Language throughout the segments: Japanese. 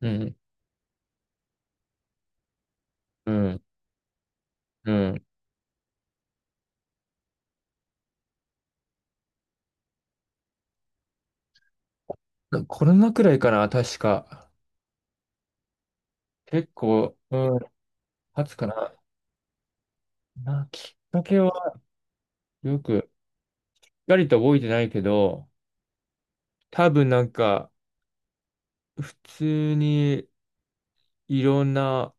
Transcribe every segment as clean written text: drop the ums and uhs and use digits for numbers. うん、うん、うん。コロナくらいかな、確か。結構、うん、経つかな。きっかけはよく、しっかりと覚えてないけど、多分なんか、普通にいろんな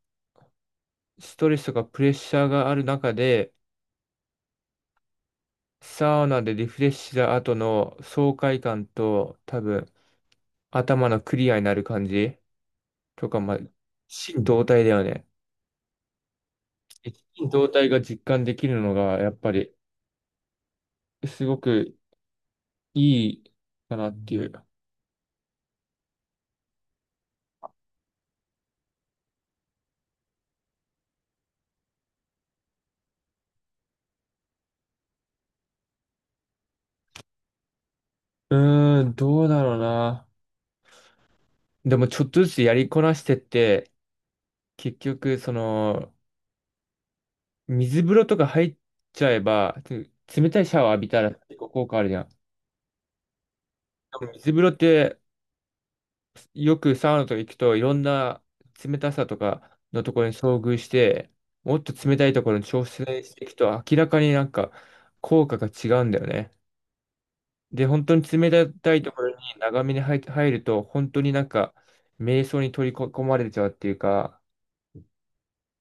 ストレスとかプレッシャーがある中で、サウナでリフレッシュした後の爽快感と、多分、頭のクリアになる感じとか、まあ、心動体だよね。一心同体が実感できるのが、やっぱり、すごくいいかなっていう。うーん、どうだろうな。でも、ちょっとずつやりこなしてって、結局、その、水風呂とか入っちゃえば、冷たいシャワー浴びたら結構効果あるじゃん。でも水風呂って、よくサウナとか行くといろんな冷たさとかのところに遭遇して、もっと冷たいところに調整していくと明らかになんか効果が違うんだよね。で、本当に冷たいところに長めに入ると、本当になんか、瞑想に取り込まれちゃうっていうか、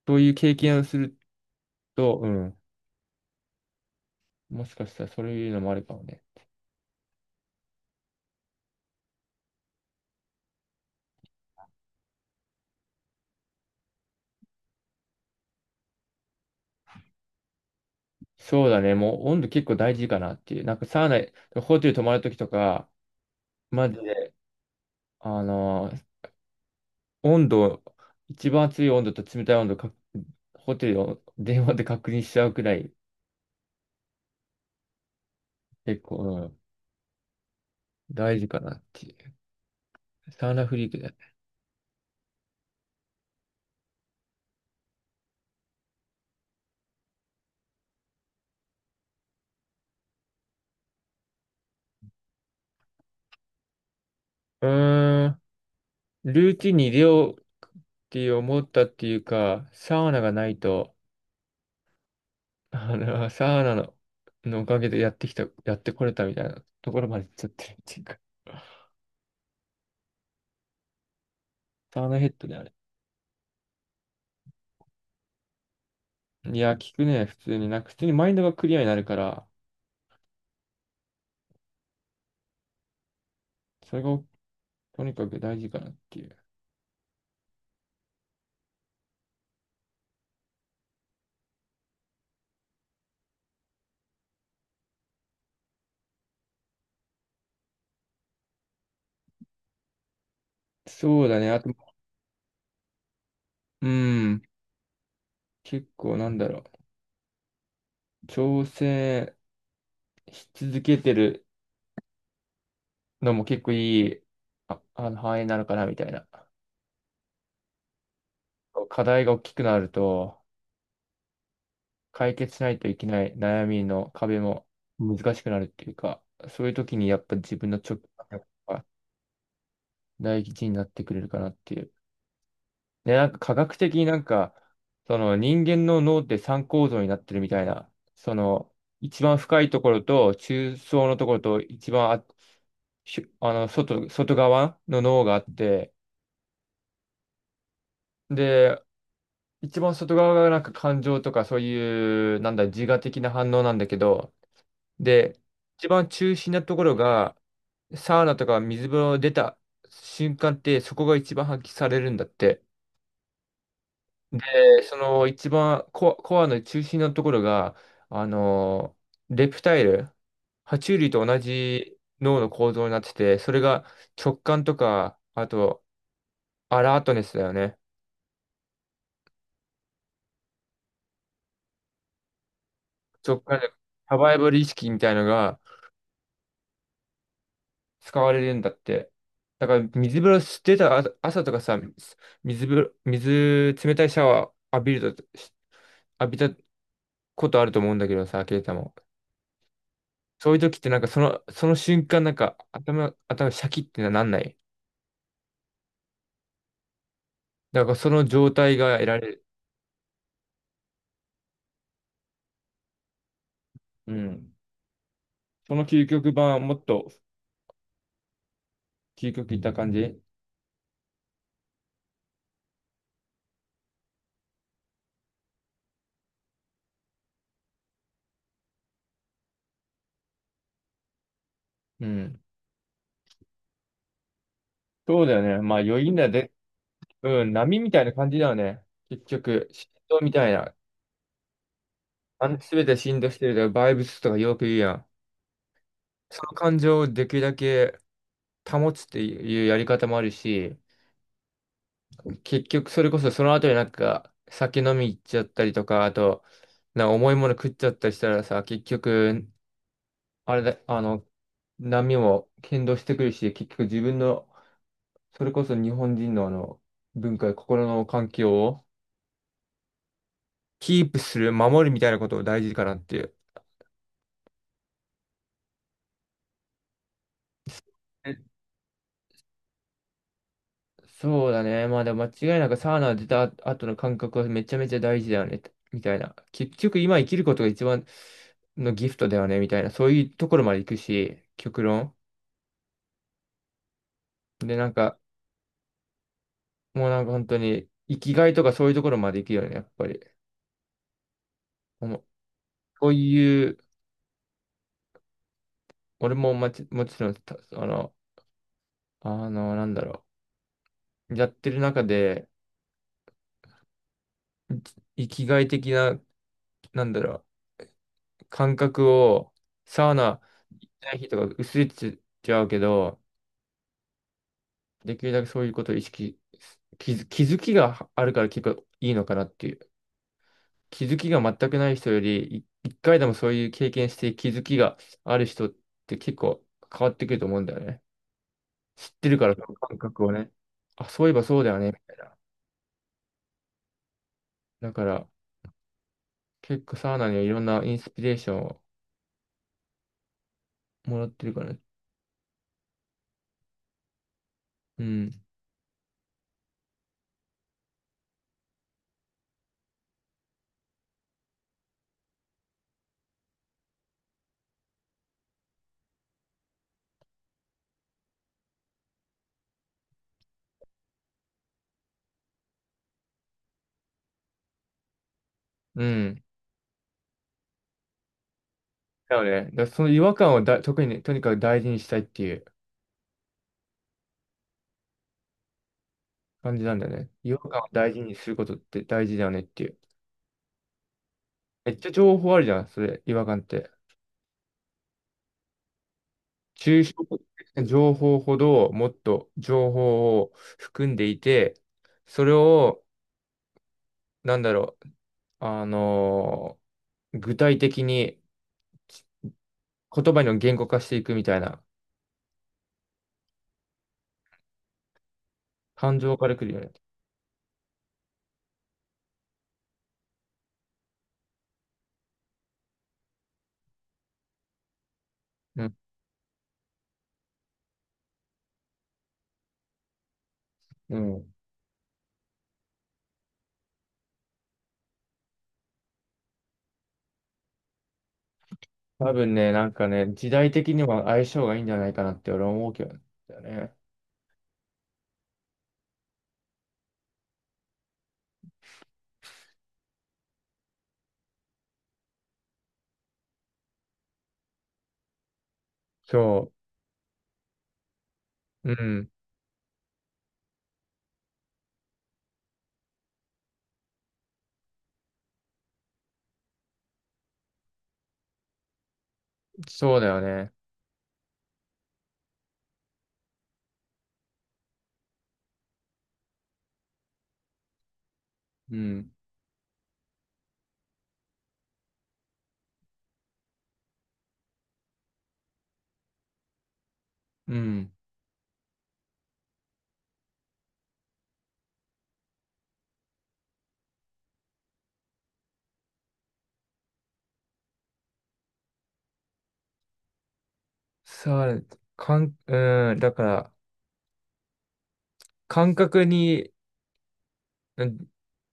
そういう経験をすると、うん、もしかしたらそういうのもあるかもね。そうだね、もう温度結構大事かなっていう。なんかサウナ、ホテル泊まるときとか、マジで、あのー温度、一番熱い温度と冷たい温度か、ホテルを電話で確認しちゃうくらい、結構、うん、大事かなっていう。サウナフリークだね。うーん。ルーティンに入れようって思ったっていうか、サウナがないと、サウナの、のおかげでやってこれたみたいなところまで行っちゃってるっていうか、サウナヘッドであれ。いや、聞くね、普通に。なんか、普通にマインドがクリアになるから、それがとにかく大事かなっていう。そうだね、あと、うん、結構なんだろう、挑戦し続けてるのも結構いい、範囲なのかなみたいな。課題が大きくなると、解決しないといけない悩みの壁も難しくなるっていうか、そういう時にやっぱ自分の直感が大事になってくれるかなっていう。ね、なんか科学的になんか、その人間の脳って三構造になってるみたいな、その一番深いところと中層のところと一番あ、しあの外、外側の脳があって、で、一番外側がなんか感情とかそういう、なんだ、自我的な反応なんだけど、で、一番中心なところが、サウナとか水風呂出た瞬間ってそこが一番発揮されるんだって。でその一番コアの中心のところが、あのレプタイル、爬虫類と同じ脳の構造になってて、それが直感とか、あとアラートネスだよね。直感でサバイバル意識みたいのが使われるんだって。だから水風呂出た朝とかさ、水風呂、水冷たいシャワー浴びたことあると思うんだけどさ、ケイタも。そういう時ってなんかその瞬間なんか頭シャキってなんない。だからその状態が得られる。うん。その究極版はもっと究極いった感じ。うん。そうだよね。まあ余韻だで、うん、波みたいな感じだよね。結局、振動みたいな。すべて振動してるとか、バイブスとかよく言うやん。その感情をできるだけ保つっていうやり方もあるし、結局それこそその後になんか酒飲み行っちゃったりとか、あと、なんか重いもの食っちゃったりしたらさ、結局、あれだ、あの、波も剣道してくるし、結局自分の、それこそ日本人の文化や心の環境をキープする、守るみたいなことを大事かなっていう。えそうだね。まあでも間違いなくサウナ出た後の感覚はめちゃめちゃ大事だよね。みたいな。結局今生きることが一番のギフトだよね。みたいな。そういうところまで行くし、極論。で、なんか、もうなんか本当に、生きがいとかそういうところまで行くよね、やっぱり。もうそういう、俺ももちろん、たあの、あの、なんだろう、やってる中で、生きがい的な、なんだろう、感覚を、サウナ行った日とか薄れちゃうけど、できるだけそういうことを意識、気づきがあるから結構いいのかなっていう。気づきが全くない人より、一回でもそういう経験して気づきがある人って結構変わってくると思うんだよね。知ってるから、その感覚をね。あ、そういえばそうだよね、みたいな。だから、結構サウナにはいろんなインスピレーションをもらってるからね。うん。うん。だよね。だからその違和感をだ、特にね、とにかく大事にしたいっていう感じなんだよね。違和感を大事にすることって大事だよねっていう。めっちゃ情報あるじゃん、それ、違和感って。抽象的な情報ほどもっと情報を含んでいて、それを、なんだろう、あの具体的に言葉の言語化していくみたいな、感情からくるよね。うん。うん。多分ね、なんかね、時代的には相性がいいんじゃないかなって俺は思うけどね。そう。うん。そうだよね。うん。うん。さう、かん、うん。だから、感覚になん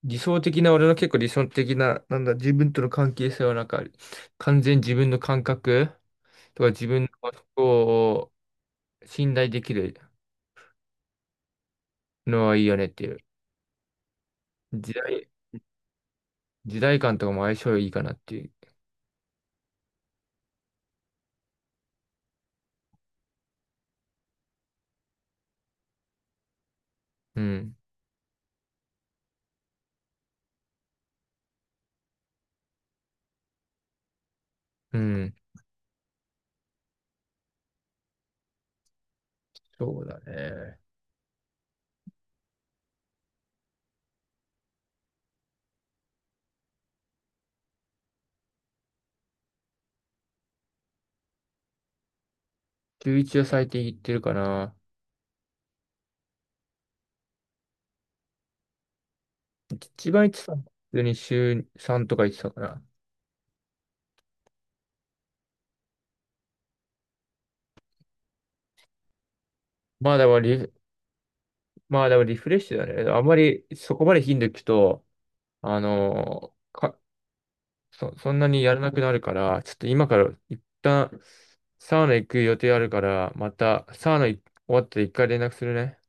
理想的な、俺の結構理想的な、なんだ、自分との関係性はなんか、完全に自分の感覚とか自分のことを信頼できるのはいいよねっていう。時代、時代感とかも相性いいかなっていう。うん。うん。そうだね。週一は最低言ってるかな。一番言ってたのは普通に週3とか言ってたから。まあでもリフ、まあでもリフレッシュだね。あんまりそこまで頻度聞くと、あのーかそ、そんなにやらなくなるから、ちょっと今から一旦サウナ行く予定あるから、またサウナ終わったら一回連絡するね。